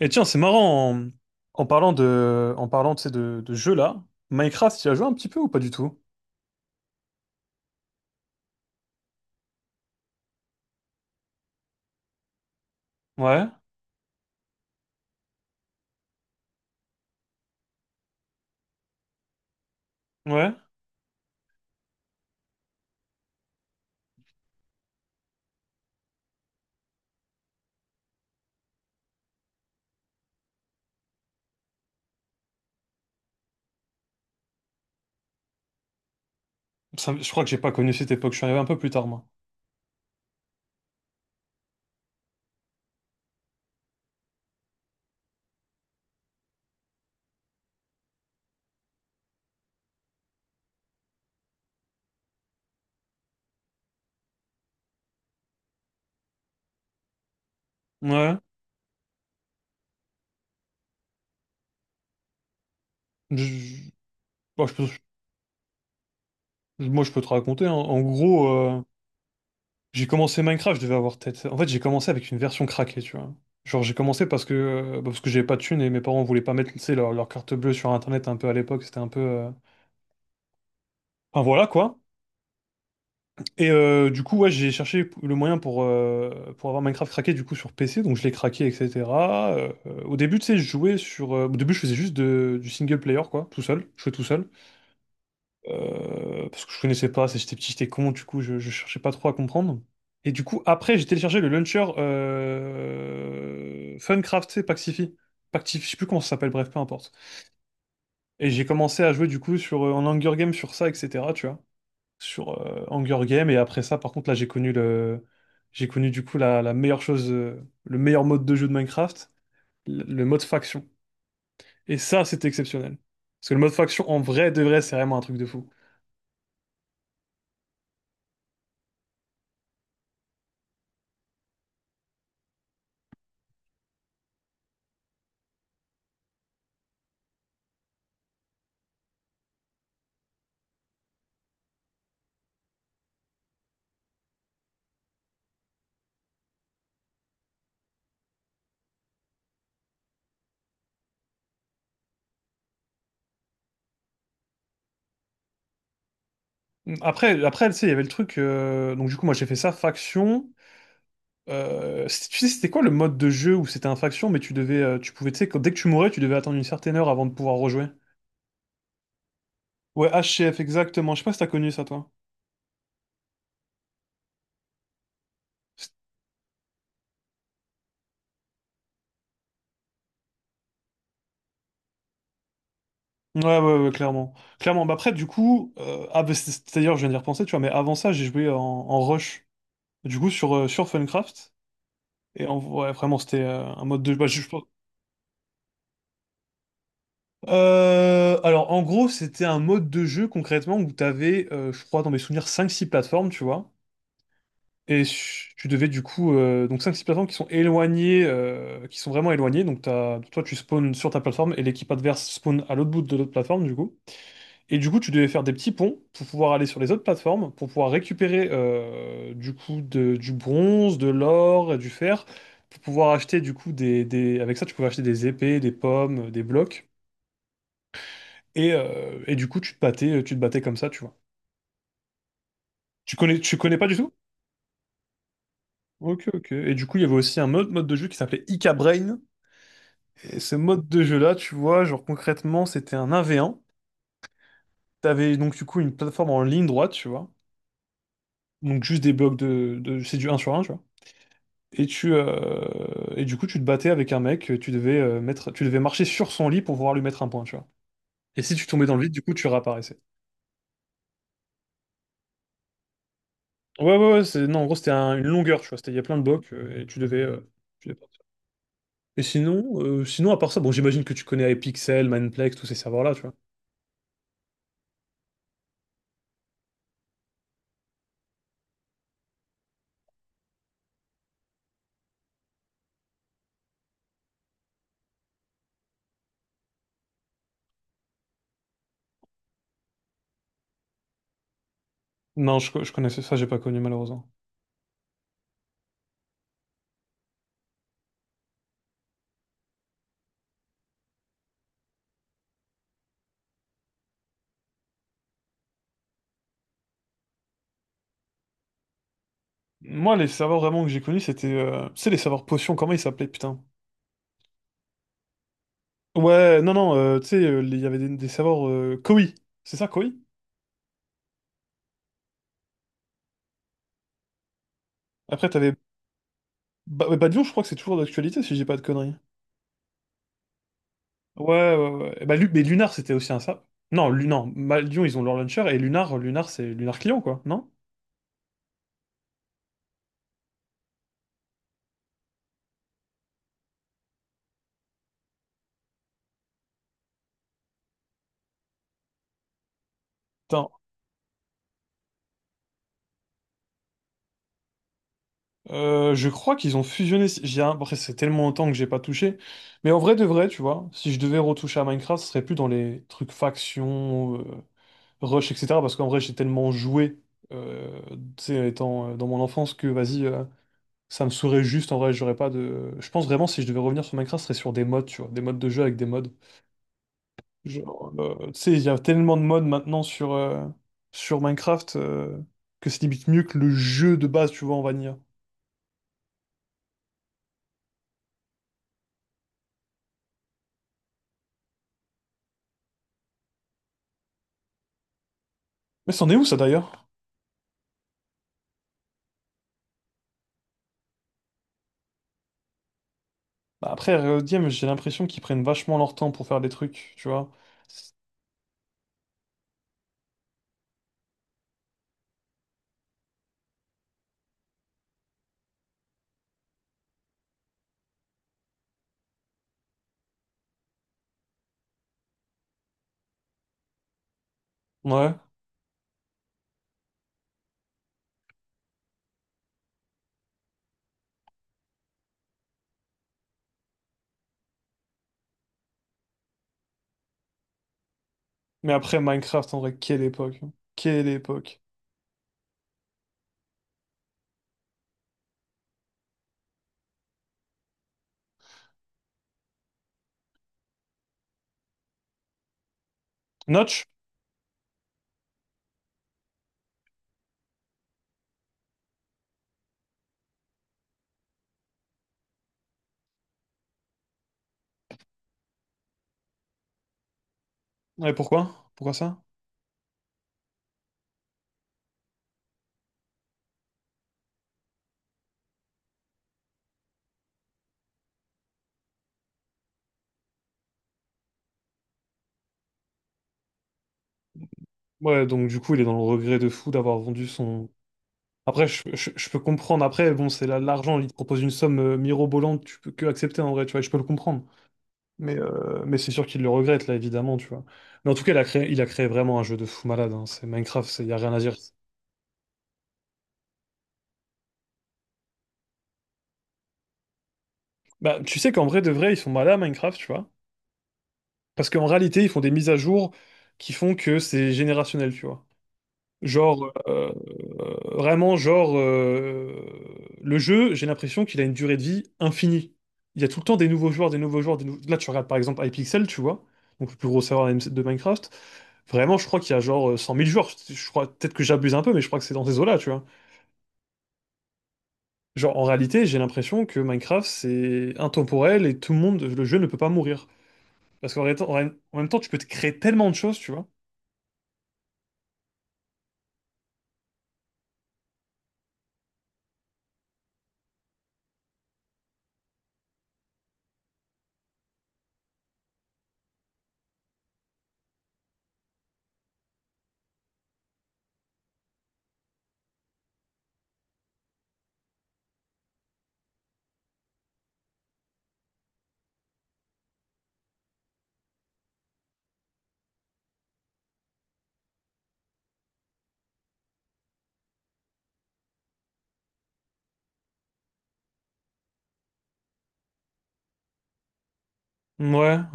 Et tiens, c'est marrant, en parlant, tu sais, de jeux là, Minecraft, tu y as joué un petit peu ou pas du tout? Ouais, ouais. Je crois que j'ai pas connu cette époque, je suis arrivé un peu plus tard, moi. Ouais. Je- je- bon, moi, je peux te raconter, hein. En gros, j'ai commencé Minecraft, je devais avoir peut-être... En fait, j'ai commencé avec une version craquée, tu vois. Genre, j'ai commencé parce que, bah, parce que j'avais pas de thunes et mes parents voulaient pas mettre, tu sais, leur carte bleue sur Internet un peu à l'époque, c'était un peu... Enfin, voilà, quoi. Et du coup, ouais, j'ai cherché le moyen pour avoir Minecraft craqué du coup sur PC, donc je l'ai craqué, etc. Au début, tu sais, je jouais sur. Au début, je faisais juste du single player, quoi, tout seul. Je jouais tout seul. Parce que je connaissais pas, j'étais petit, j'étais con, du coup, je cherchais pas trop à comprendre. Et du coup, après, j'ai téléchargé le launcher Funcraft, tu sais, Pactify. Pactify, je sais plus comment ça s'appelle, bref, peu importe. Et j'ai commencé à jouer du coup sur, en Hunger Games sur ça, etc., tu vois sur Hunger Games. Et après ça, par contre, là, j'ai connu du coup la meilleure chose, le meilleur mode de jeu de Minecraft, le mode faction. Et ça, c'était exceptionnel. Parce que le mode faction, en vrai, de vrai, c'est vraiment un truc de fou. Après, tu sais, il y avait le truc. Donc du coup, moi, j'ai fait ça faction. Tu sais, c'était quoi le mode de jeu où c'était un faction, mais tu pouvais, tu sais, dès que tu mourais, tu devais attendre une certaine heure avant de pouvoir rejouer. Ouais, H C F exactement. Je sais pas si t'as connu ça, toi. Ouais, ouais, ouais, clairement. Bah après, du coup, d'ailleurs, je viens d'y repenser, tu vois, mais avant ça, j'ai joué en Rush. Du coup, sur Funcraft. Et en, ouais, vraiment, c'était un mode de jeu. Alors, en gros, c'était un mode de jeu concrètement où je crois, dans mes souvenirs, cinq six plateformes, tu vois. Et ch- tu devais, du coup, donc cinq six plateformes qui sont éloignées, qui sont vraiment éloignées. Donc, toi, tu spawns sur ta plateforme et l'équipe adverse spawn à l'autre bout de l'autre plateforme, du coup. Et du coup, tu devais faire des petits ponts pour pouvoir aller sur les autres plateformes, pour pouvoir récupérer du coup du bronze, de l'or, et du fer, pour pouvoir acheter du coup avec ça, tu pouvais acheter des épées, des pommes, des blocs. Et du coup, tu te battais comme ça, tu vois. Tu connais pas du tout? Ok, ok. Et du coup, il y avait aussi un autre mode de jeu qui s'appelait Ika Brain. Et ce mode de jeu-là, tu vois, genre concrètement, c'était un 1v1. T'avais donc du coup une plateforme en ligne droite, tu vois. Donc juste des blocs de... C'est du un sur un, tu vois. Et tu et du coup tu te battais avec un mec, tu devais marcher sur son lit pour pouvoir lui mettre un point, tu vois. Et si tu tombais dans le vide, du coup tu réapparaissais. Ouais, c'est non en gros une longueur, tu vois, c'était il y a plein de blocs tu devais partir. Et sinon sinon à part ça, bon j'imagine que tu connais Epixel, Mineplex, tous ces serveurs là, tu vois. Non, je connaissais ça, j'ai pas connu malheureusement. Moi les serveurs vraiment que j'ai connus c'était tu sais les serveurs potions, comment ils s'appelaient putain? Ouais, non non, tu sais il y avait des serveurs Koi, c'est ça Koi? Après t'avais... ouais, Badiou, je crois que c'est toujours d'actualité si je dis pas de conneries. Ouais, ouais, ouais. Et bah, mais Lunar, c'était aussi un sap. Non, non, Badiou, ils ont leur launcher et Lunar, c'est Lunar client, quoi, non? Attends, je crois qu'ils ont fusionné. Si, après, c'est tellement longtemps que j'ai pas touché. Mais en vrai de vrai, tu vois, si je devais retoucher à Minecraft, ce serait plus dans les trucs factions, rush, etc. Parce qu'en vrai, j'ai tellement joué, euh, tu sais, étant dans mon enfance que vas-y, ça me saurait juste. En vrai, j'aurais pas de. Je pense vraiment, si je devais revenir sur Minecraft, ce serait sur des modes, tu vois, des modes de jeu avec des mods. Genre, tu sais, il y a tellement de modes maintenant sur, sur Minecraft que c'est limite mieux que le jeu de base, tu vois, en vanilla. Mais c'en est où ça d'ailleurs? Bah, après, Riot Games, j'ai l'impression qu'ils prennent vachement leur temps pour faire des trucs, tu vois. Ouais. Mais après, Minecraft, en vrai, quelle époque, hein. Quelle époque. Notch? Ouais, pourquoi? Pourquoi ça? Ouais, donc du coup, il est dans le regret de fou d'avoir vendu son. Après, je peux comprendre. Après, bon, l'argent, il te propose une somme mirobolante, tu peux que accepter en vrai, tu vois, je peux le comprendre. Mais c'est sûr qu'il le regrette, là, évidemment, tu vois. Mais en tout cas, il a créé vraiment un jeu de fou malade, hein. C'est Minecraft, il n'y a rien à dire. Bah, tu sais qu'en vrai, de vrai, ils sont malades à Minecraft, tu vois. Parce qu'en réalité, ils font des mises à jour qui font que c'est générationnel, tu vois. Genre, vraiment, genre, le jeu, j'ai l'impression qu'il a une durée de vie infinie. Il y a tout le temps des nouveaux joueurs, des nouveaux joueurs, des nou- là, tu regardes par exemple iPixel, tu vois, donc le plus gros serveur de Minecraft. Vraiment, je crois qu'il y a genre 100 000 joueurs. Je crois, peut-être que j'abuse un peu, mais je crois que c'est dans ces eaux-là, tu vois. Genre, en réalité, j'ai l'impression que Minecraft, c'est intemporel et tout le monde, le jeu ne peut pas mourir. Parce qu'en ré- en ré- En même temps, tu peux te créer tellement de choses, tu vois. Ouais,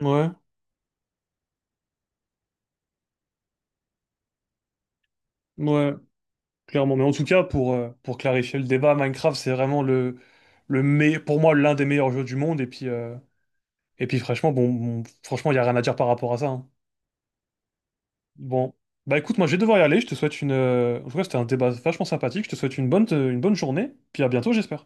ouais, ouais. ouais. Clairement, mais en tout cas, pour clarifier le débat, Minecraft, c'est vraiment pour moi l'un des meilleurs jeux du monde. Et puis franchement, franchement, il n'y a rien à dire par rapport à ça, hein. Bon, bah écoute, moi je vais devoir y aller. Je te souhaite une. En tout cas, c'était un débat vachement sympathique. Je te souhaite une bonne journée. Puis à bientôt, j'espère.